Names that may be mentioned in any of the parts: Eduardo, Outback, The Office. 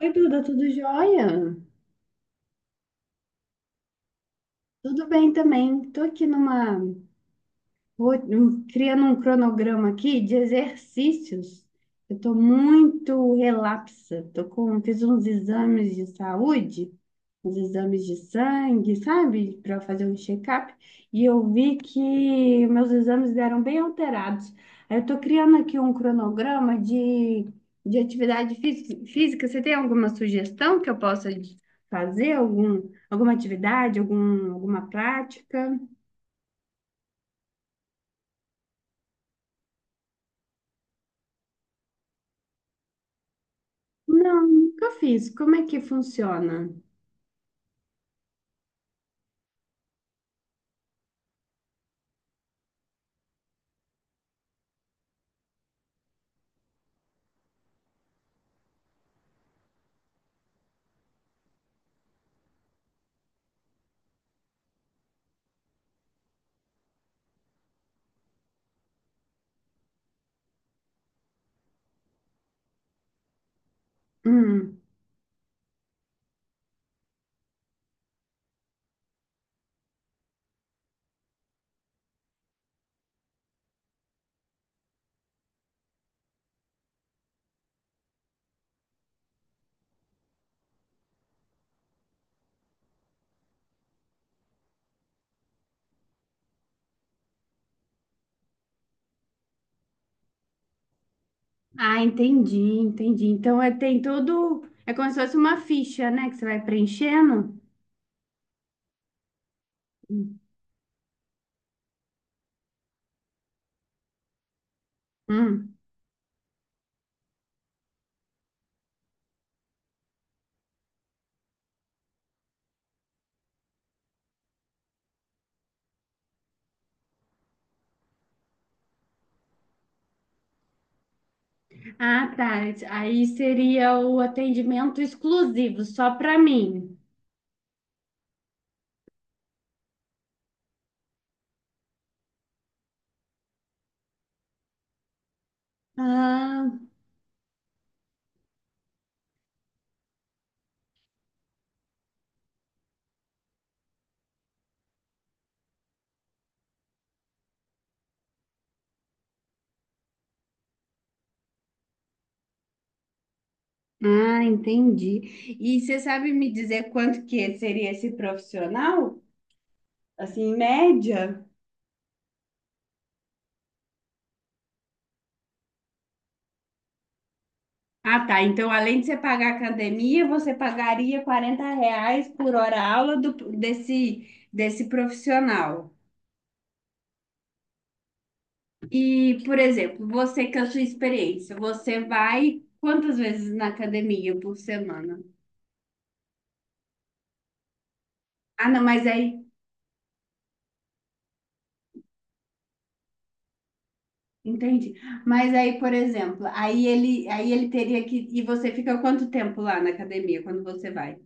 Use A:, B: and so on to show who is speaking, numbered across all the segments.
A: Oi, Duda, tudo jóia? Tudo bem também. Tô aqui numa Vou criando um cronograma aqui de exercícios. Eu estou muito relapsa. Fiz uns exames de saúde, uns exames de sangue, sabe? Para fazer um check-up. E eu vi que meus exames deram bem alterados. Aí eu estou criando aqui um cronograma de atividade física. Você tem alguma sugestão que eu possa fazer? Alguma atividade, alguma prática? Não, nunca fiz. Como é que funciona? Hum. Ah, entendi, entendi. Então é, tem todo. É como se fosse uma ficha, né? Que você vai preenchendo. Hum. Ah, tá. Aí seria o atendimento exclusivo, só para mim. Ah, ah, entendi. E você sabe me dizer quanto que seria esse profissional? Assim, em média? Ah, tá. Então, além de você pagar a academia, você pagaria 40 reais por hora aula desse, desse profissional. E, por exemplo, você com a sua experiência, você vai quantas vezes na academia por semana? Ah, não, mas aí, entendi. Mas aí, por exemplo, aí ele teria que. E você fica quanto tempo lá na academia quando você vai?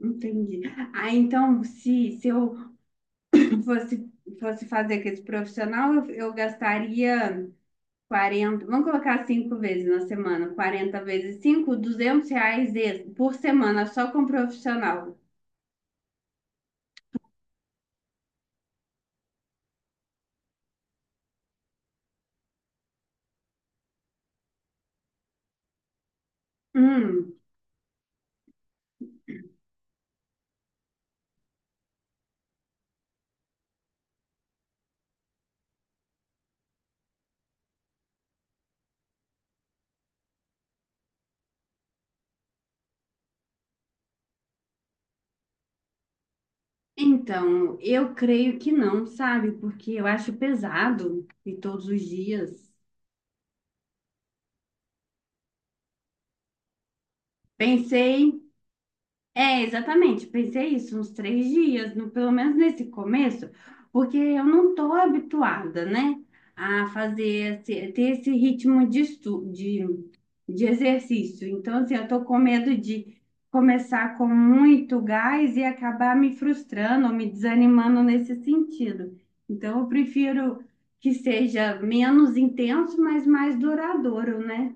A: Entendi. Ah, então, se eu fosse, fosse fazer com esse profissional, eu gastaria. 40, vamos colocar 5 vezes na semana, 40 vezes 5, 200 reais por semana só com profissional. Hum, então, eu creio que não, sabe? Porque eu acho pesado e todos os dias. Pensei. É, exatamente, pensei isso, uns 3 dias, pelo menos nesse começo, porque eu não estou habituada, né, a fazer, ter esse ritmo de exercício. Então, assim, eu estou com medo de começar com muito gás e acabar me frustrando ou me desanimando nesse sentido. Então, eu prefiro que seja menos intenso, mas mais duradouro, né?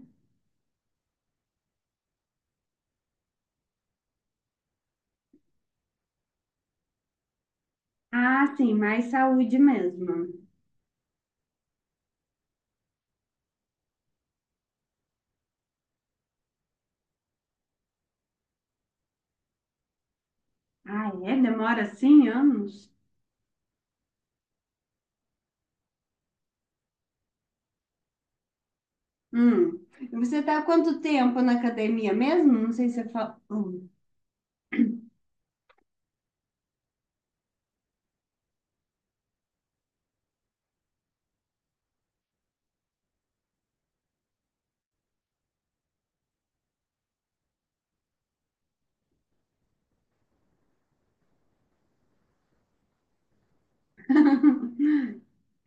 A: Ah, sim, mais saúde mesmo. Ah, é? Demora assim anos? Hum. E você está há quanto tempo na academia mesmo? Não sei se você fala. Hum.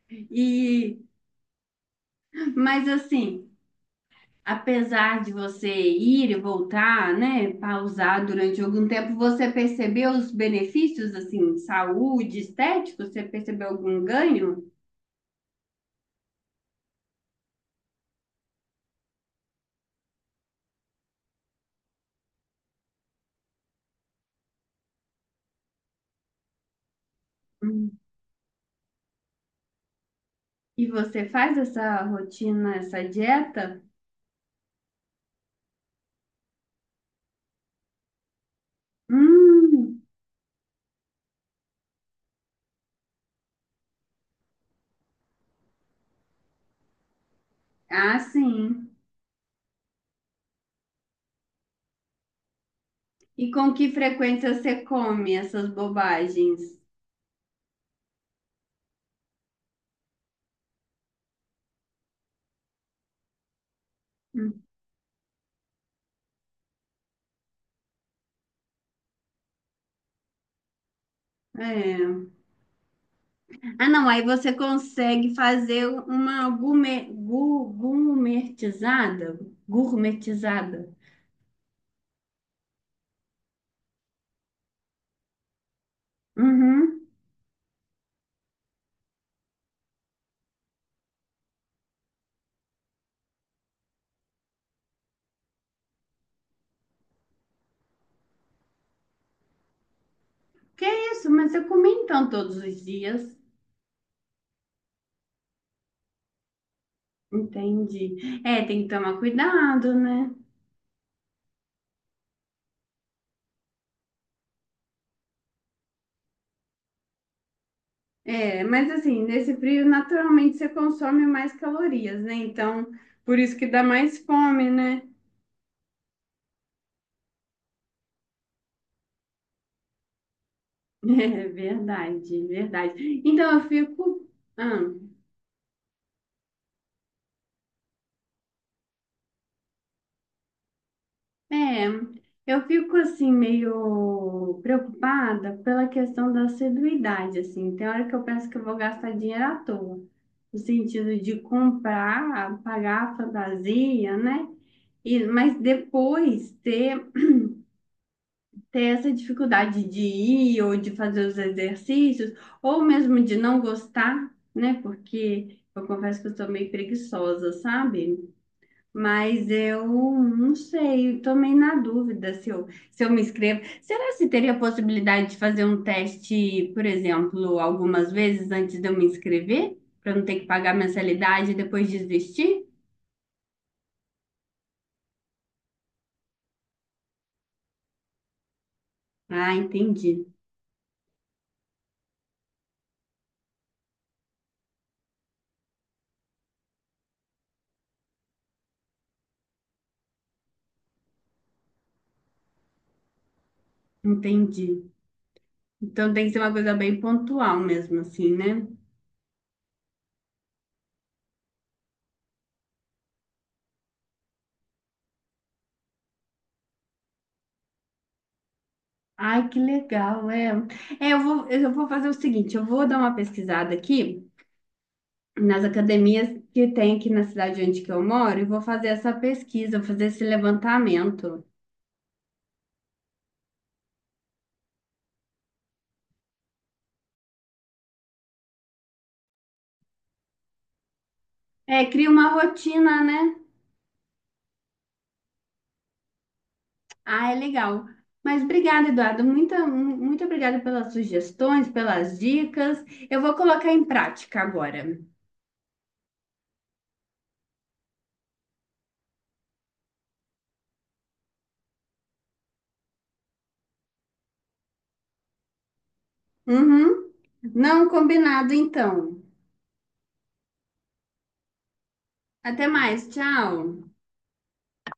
A: E, mas assim, apesar de você ir e voltar, né, pausar durante algum tempo, você percebeu os benefícios, assim, saúde, estético? Você percebeu algum ganho? Hum. E você faz essa rotina, essa dieta? Hum. Ah, sim. E com que frequência você come essas bobagens? É. Ah, não, aí você consegue fazer uma gourmetizada. Gourmetizada. Uhum. Que isso, mas eu comi então todos os dias. Entendi. É, tem que tomar cuidado, né? É, mas assim, nesse frio, naturalmente você consome mais calorias, né? Então, por isso que dá mais fome, né? É verdade, verdade. Então, eu fico. Ah. É, eu fico assim meio preocupada pela questão da assiduidade, assim. Tem hora que eu penso que eu vou gastar dinheiro à toa, no sentido de comprar, pagar a fantasia, né? Mas depois ter, essa dificuldade de ir ou de fazer os exercícios, ou mesmo de não gostar, né? Porque eu confesso que eu sou meio preguiçosa, sabe? Mas eu não sei, estou meio na dúvida se eu me inscrevo. Será se teria a possibilidade de fazer um teste, por exemplo, algumas vezes antes de eu me inscrever, para não ter que pagar mensalidade e depois desistir? Ah, entendi, entendi. Então tem que ser uma coisa bem pontual mesmo, assim, né? Ai, que legal, é. É, eu vou fazer o seguinte, eu vou dar uma pesquisada aqui nas academias que tem aqui na cidade onde que eu moro e vou fazer essa pesquisa, vou fazer esse levantamento. É, cria uma rotina, né? Ah, é legal. Mas obrigada, Eduardo. Muito, muito obrigada pelas sugestões, pelas dicas. Eu vou colocar em prática agora. Uhum. Não, combinado, então. Até mais. Tchau.